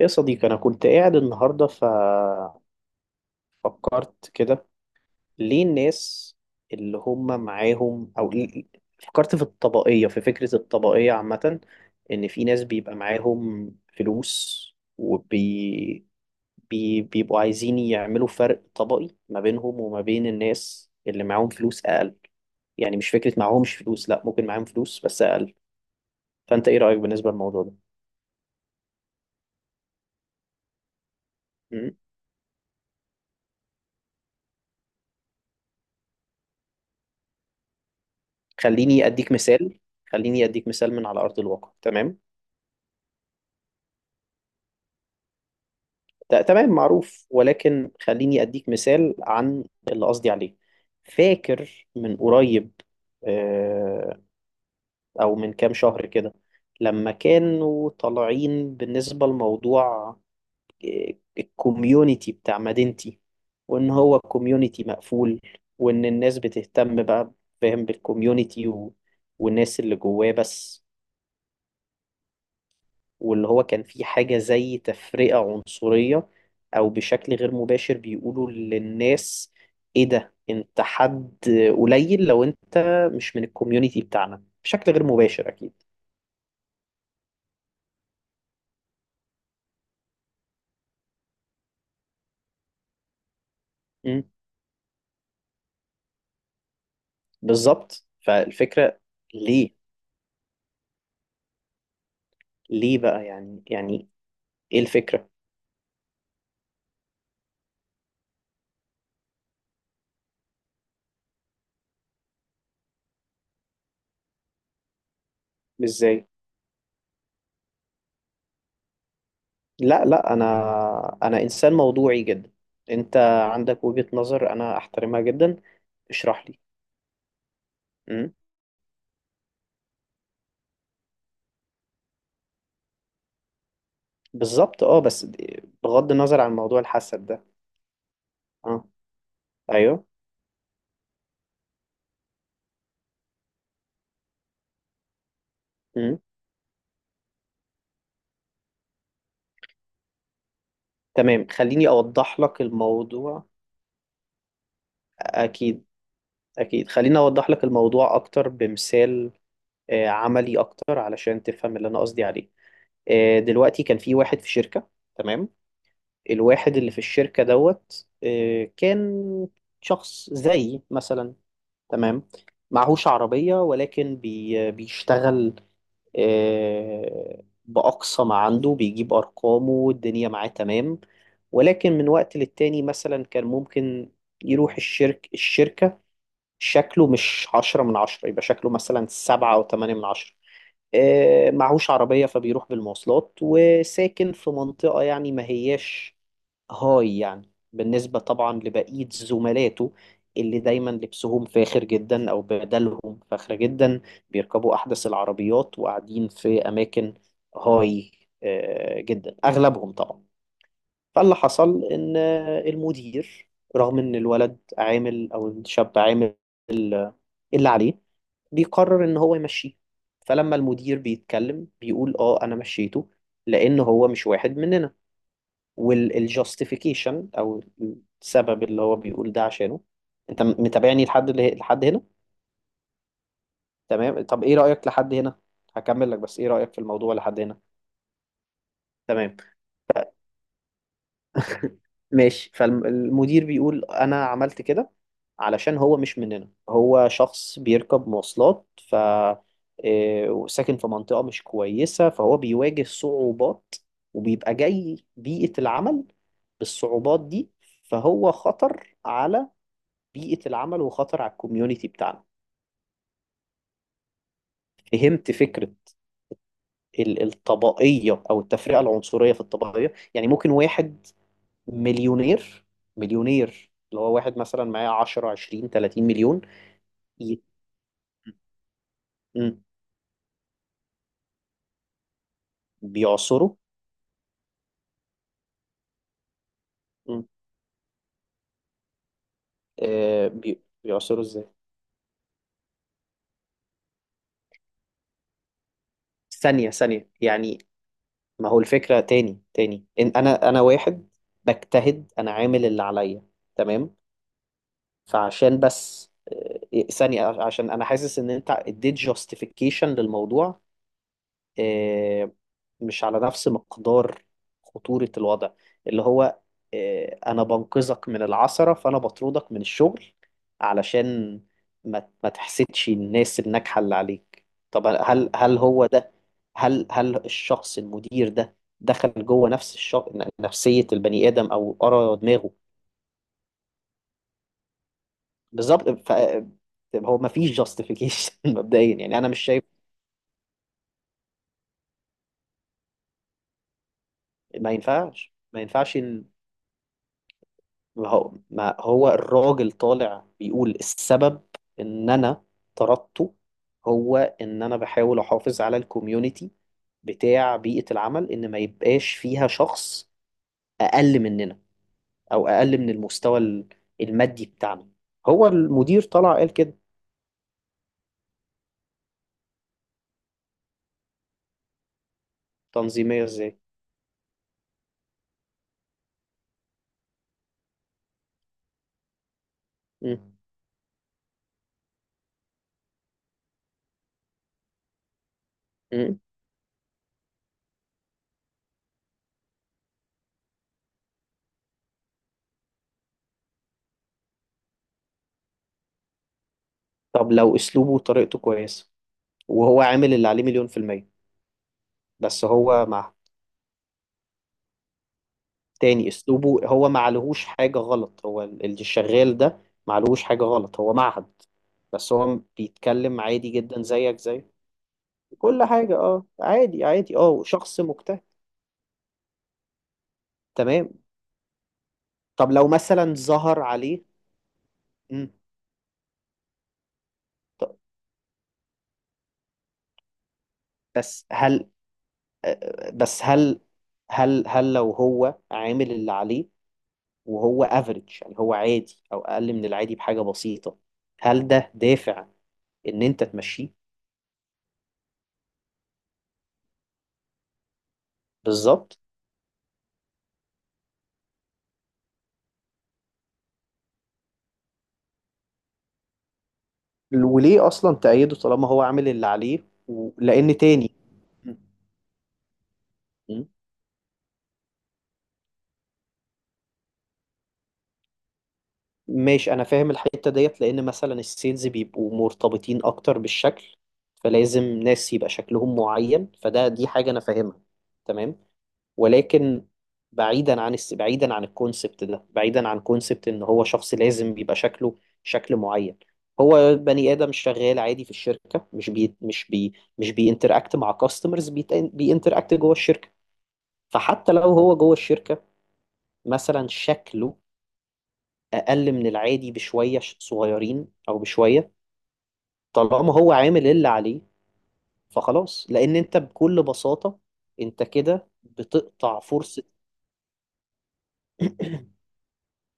يا صديقي، أنا كنت قاعد النهاردة ففكرت كده، ليه الناس اللي هم معاهم، فكرت في الطبقية، في فكرة الطبقية عامة. إن في ناس بيبقى معاهم فلوس وبي بي بيبقوا عايزين يعملوا فرق طبقي ما بينهم وما بين الناس اللي معاهم فلوس أقل. يعني مش فكرة معاهمش فلوس، لأ، ممكن معاهم فلوس بس أقل. فأنت إيه رأيك بالنسبة للموضوع ده؟ م? خليني أديك مثال. خليني أديك مثال من على أرض الواقع، تمام؟ تمام، معروف، ولكن خليني أديك مثال عن اللي قصدي عليه. فاكر من قريب، آه، أو من كام شهر كده، لما كانوا طالعين بالنسبة لموضوع الكوميونيتي بتاع مدينتي، وإن هو كوميونيتي مقفول، وإن الناس بتهتم بقى، فاهم، بالكوميونيتي والناس اللي جواه بس. واللي هو كان في حاجة زي تفرقة عنصرية، أو بشكل غير مباشر بيقولوا للناس إيه ده، أنت حد قليل لو أنت مش من الكوميونيتي بتاعنا، بشكل غير مباشر أكيد. مم. بالظبط، فالفكرة ليه؟ ليه بقى؟ يعني إيه الفكرة؟ إزاي؟ لا لا، أنا إنسان موضوعي جدا. أنت عندك وجهة نظر أنا أحترمها جدا. اشرح لي. مم. بالظبط، اه، بس بغض النظر عن موضوع الحسد ده. اه، ايوه. امم. تمام، خليني اوضح لك الموضوع. اكيد، اكيد، خليني اوضح لك الموضوع اكتر بمثال، عملي اكتر علشان تفهم اللي انا قصدي عليه. دلوقتي كان في واحد في شركة، تمام. الواحد اللي في الشركة دوت، كان شخص زي مثلا، تمام، معهوش عربية، ولكن بيشتغل بأقصى ما عنده، بيجيب أرقامه والدنيا معاه، تمام. ولكن من وقت للتاني مثلا كان ممكن يروح الشركة شكله مش عشرة من عشرة، يبقى شكله مثلا سبعة أو تمانية من عشرة. معهوش عربية، فبيروح بالمواصلات، وساكن في منطقة يعني ما هياش هاي، يعني بالنسبة طبعا لبقية زملاته اللي دايما لبسهم فاخر جدا أو بدلهم فاخرة جدا، بيركبوا أحدث العربيات، وقاعدين في أماكن هاي جدا أغلبهم طبعا. فاللي حصل إن المدير، رغم إن الولد عامل أو الشاب عامل ال- اللي عليه، بيقرر إن هو يمشيه. فلما المدير بيتكلم بيقول آه أنا مشيته لأن هو مش واحد مننا. والجاستيفيكيشن او السبب اللي هو بيقول ده عشانه. انت متابعني لحد اللي لحد هنا؟ تمام، طب ايه رأيك لحد هنا؟ هكمل لك، بس ايه رأيك في الموضوع لحد هنا؟ تمام. ماشي، فالمدير بيقول انا عملت كده علشان هو مش مننا، هو شخص بيركب مواصلات، ف وساكن في منطقة مش كويسة، فهو بيواجه صعوبات، وبيبقى جاي بيئة العمل بالصعوبات دي، فهو خطر على بيئة العمل وخطر على الكوميونتي بتاعنا. فهمت فكرة الطبقية أو التفرقة العنصرية في الطبقية؟ يعني ممكن واحد مليونير، مليونير اللي هو واحد مثلا معاه 10 20 30 مليون. ي... م. بيعصروا. م. آه بيعصروا ازاي؟ ثانية، يعني ما هو الفكرة، تاني إن أنا واحد بجتهد، أنا عامل اللي عليا، تمام. فعشان بس آه، إيه، ثانية، عشان أنا حاسس إن أنت اديت جاستيفيكيشن للموضوع آه، مش على نفس مقدار خطورة الوضع اللي هو أنا بنقذك من العثرة فأنا بطردك من الشغل، علشان ما تحسدش الناس الناجحة اللي عليك. طب هل هو ده؟ هل الشخص المدير ده دخل جوه نفس الشخص، نفسية البني آدم أو قرا دماغه؟ بالظبط. هو ما فيش جاستيفيكيشن مبدئيا يعني، انا مش شايف. ما ينفعش ان، ما هو الراجل طالع بيقول السبب ان انا طردته، هو ان انا بحاول احافظ على الكوميونتي بتاع بيئة العمل، ان ما يبقاش فيها شخص اقل مننا او اقل من المستوى المادي بتاعنا. هو المدير طلع قال كده. تنظيمية ازاي؟ مم. مم. طب لو اسلوبه وطريقته كويسة، وهو عامل اللي عليه 100%، بس هو مع تاني، اسلوبه هو ما عليهوش حاجة غلط، هو اللي شغال ده ما عليهوش حاجة غلط، هو معهد بس هو بيتكلم عادي جدا زيك زي، كل حاجة اه عادي عادي اه، شخص مجتهد، تمام. طب لو مثلا ظهر عليه، مم. طب بس هل، بس هل، هل لو هو عامل اللي عليه وهو افريج، يعني هو عادي او اقل من العادي بحاجة بسيطة، هل ده دافع ان انت تمشيه؟ بالظبط. وليه اصلا تأيده طالما هو عامل اللي عليه؟ لان تاني، م. ماشي، انا فاهم الحتة ديت، لان مثلا السيلز بيبقوا مرتبطين اكتر بالشكل، فلازم ناس يبقى شكلهم معين، فده دي حاجة انا فاهمها، تمام. ولكن بعيدا عن بعيدا عن الكونسبت ده، بعيدا عن كونسبت ان هو شخص لازم بيبقى شكله شكل معين، هو بني ادم شغال عادي في الشركة، مش بي مش بي مش بينتراكت مع كاستمرز، بينتراكت جوه الشركة. فحتى لو هو جوه الشركة، مثلا شكله أقل من العادي بشوية صغيرين أو بشوية، طالما هو عامل اللي عليه، فخلاص. لأن أنت بكل بساطة أنت كده بتقطع فرصة.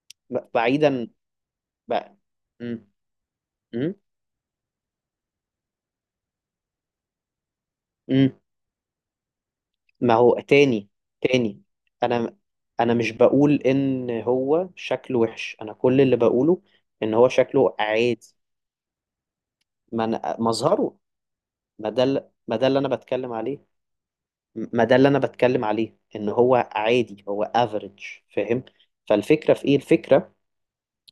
بعيدا بقى، مم. مم. مم. ما هو تاني تاني أنا أنا مش بقول إن هو شكله وحش، أنا كل اللي بقوله إن هو شكله عادي. ما مظهره، ما ده اللي أنا بتكلم عليه، ما ده اللي انا بتكلم عليه، ان هو عادي، هو افريج، فاهم. فالفكره في ايه الفكره؟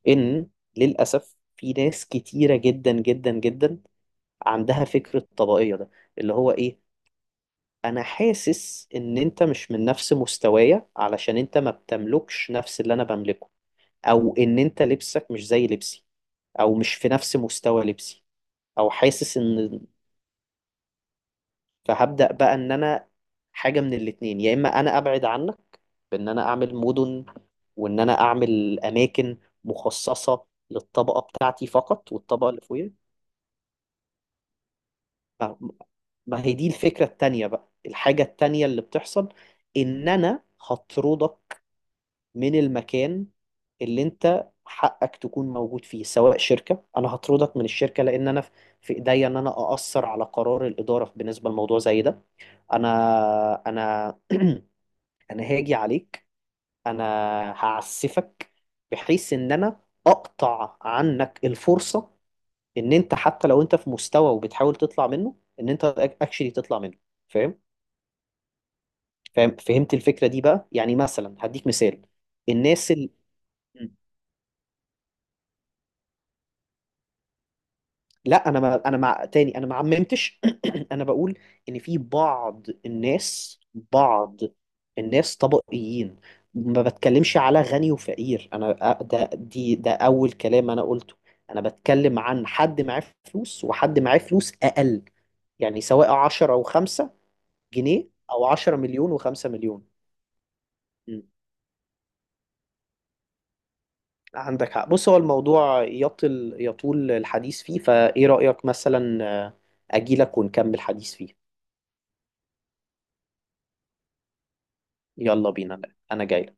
ان للاسف في ناس كتيره جدا جدا جدا عندها فكره الطبقيه ده، اللي هو ايه؟ انا حاسس ان انت مش من نفس مستوايا علشان انت ما بتملكش نفس اللي انا بملكه، او ان انت لبسك مش زي لبسي، او مش في نفس مستوى لبسي، او حاسس ان، فهبدأ بقى ان انا حاجه من الاتنين، يا اما انا ابعد عنك بان انا اعمل مدن وان انا اعمل اماكن مخصصة للطبقة بتاعتي فقط والطبقة اللي فوقيها. ما ما هي دي الفكرة التانية بقى، الحاجة التانية اللي بتحصل، ان انا هطردك من المكان اللي انت حقك تكون موجود فيه، سواء شركة انا هطردك من الشركة، لان انا في ايديا ان انا اأثر على قرار الإدارة بالنسبة لموضوع زي ده. انا انا انا هاجي عليك، انا هعسفك، بحيث ان انا اقطع عنك الفرصة، ان انت حتى لو انت في مستوى وبتحاول تطلع منه ان انت اكشلي تطلع منه. فاهم؟ فاهم؟ فهمت الفكرة دي بقى؟ يعني مثلا هديك مثال الناس لا انا، ما انا مع تاني انا ما عممتش. انا بقول ان في بعض الناس، بعض الناس طبقيين، ما بتكلمش على غني وفقير. انا ده دي ده اول كلام انا قلته، انا بتكلم عن حد معاه فلوس وحد معاه فلوس اقل، يعني سواء 10 او 5 جنيه او 10 مليون و5 مليون. م. عندك حق، بص هو الموضوع يطول الحديث فيه، فايه رأيك مثلا اجيلك ونكمل حديث فيه؟ يلا بينا، انا جاي.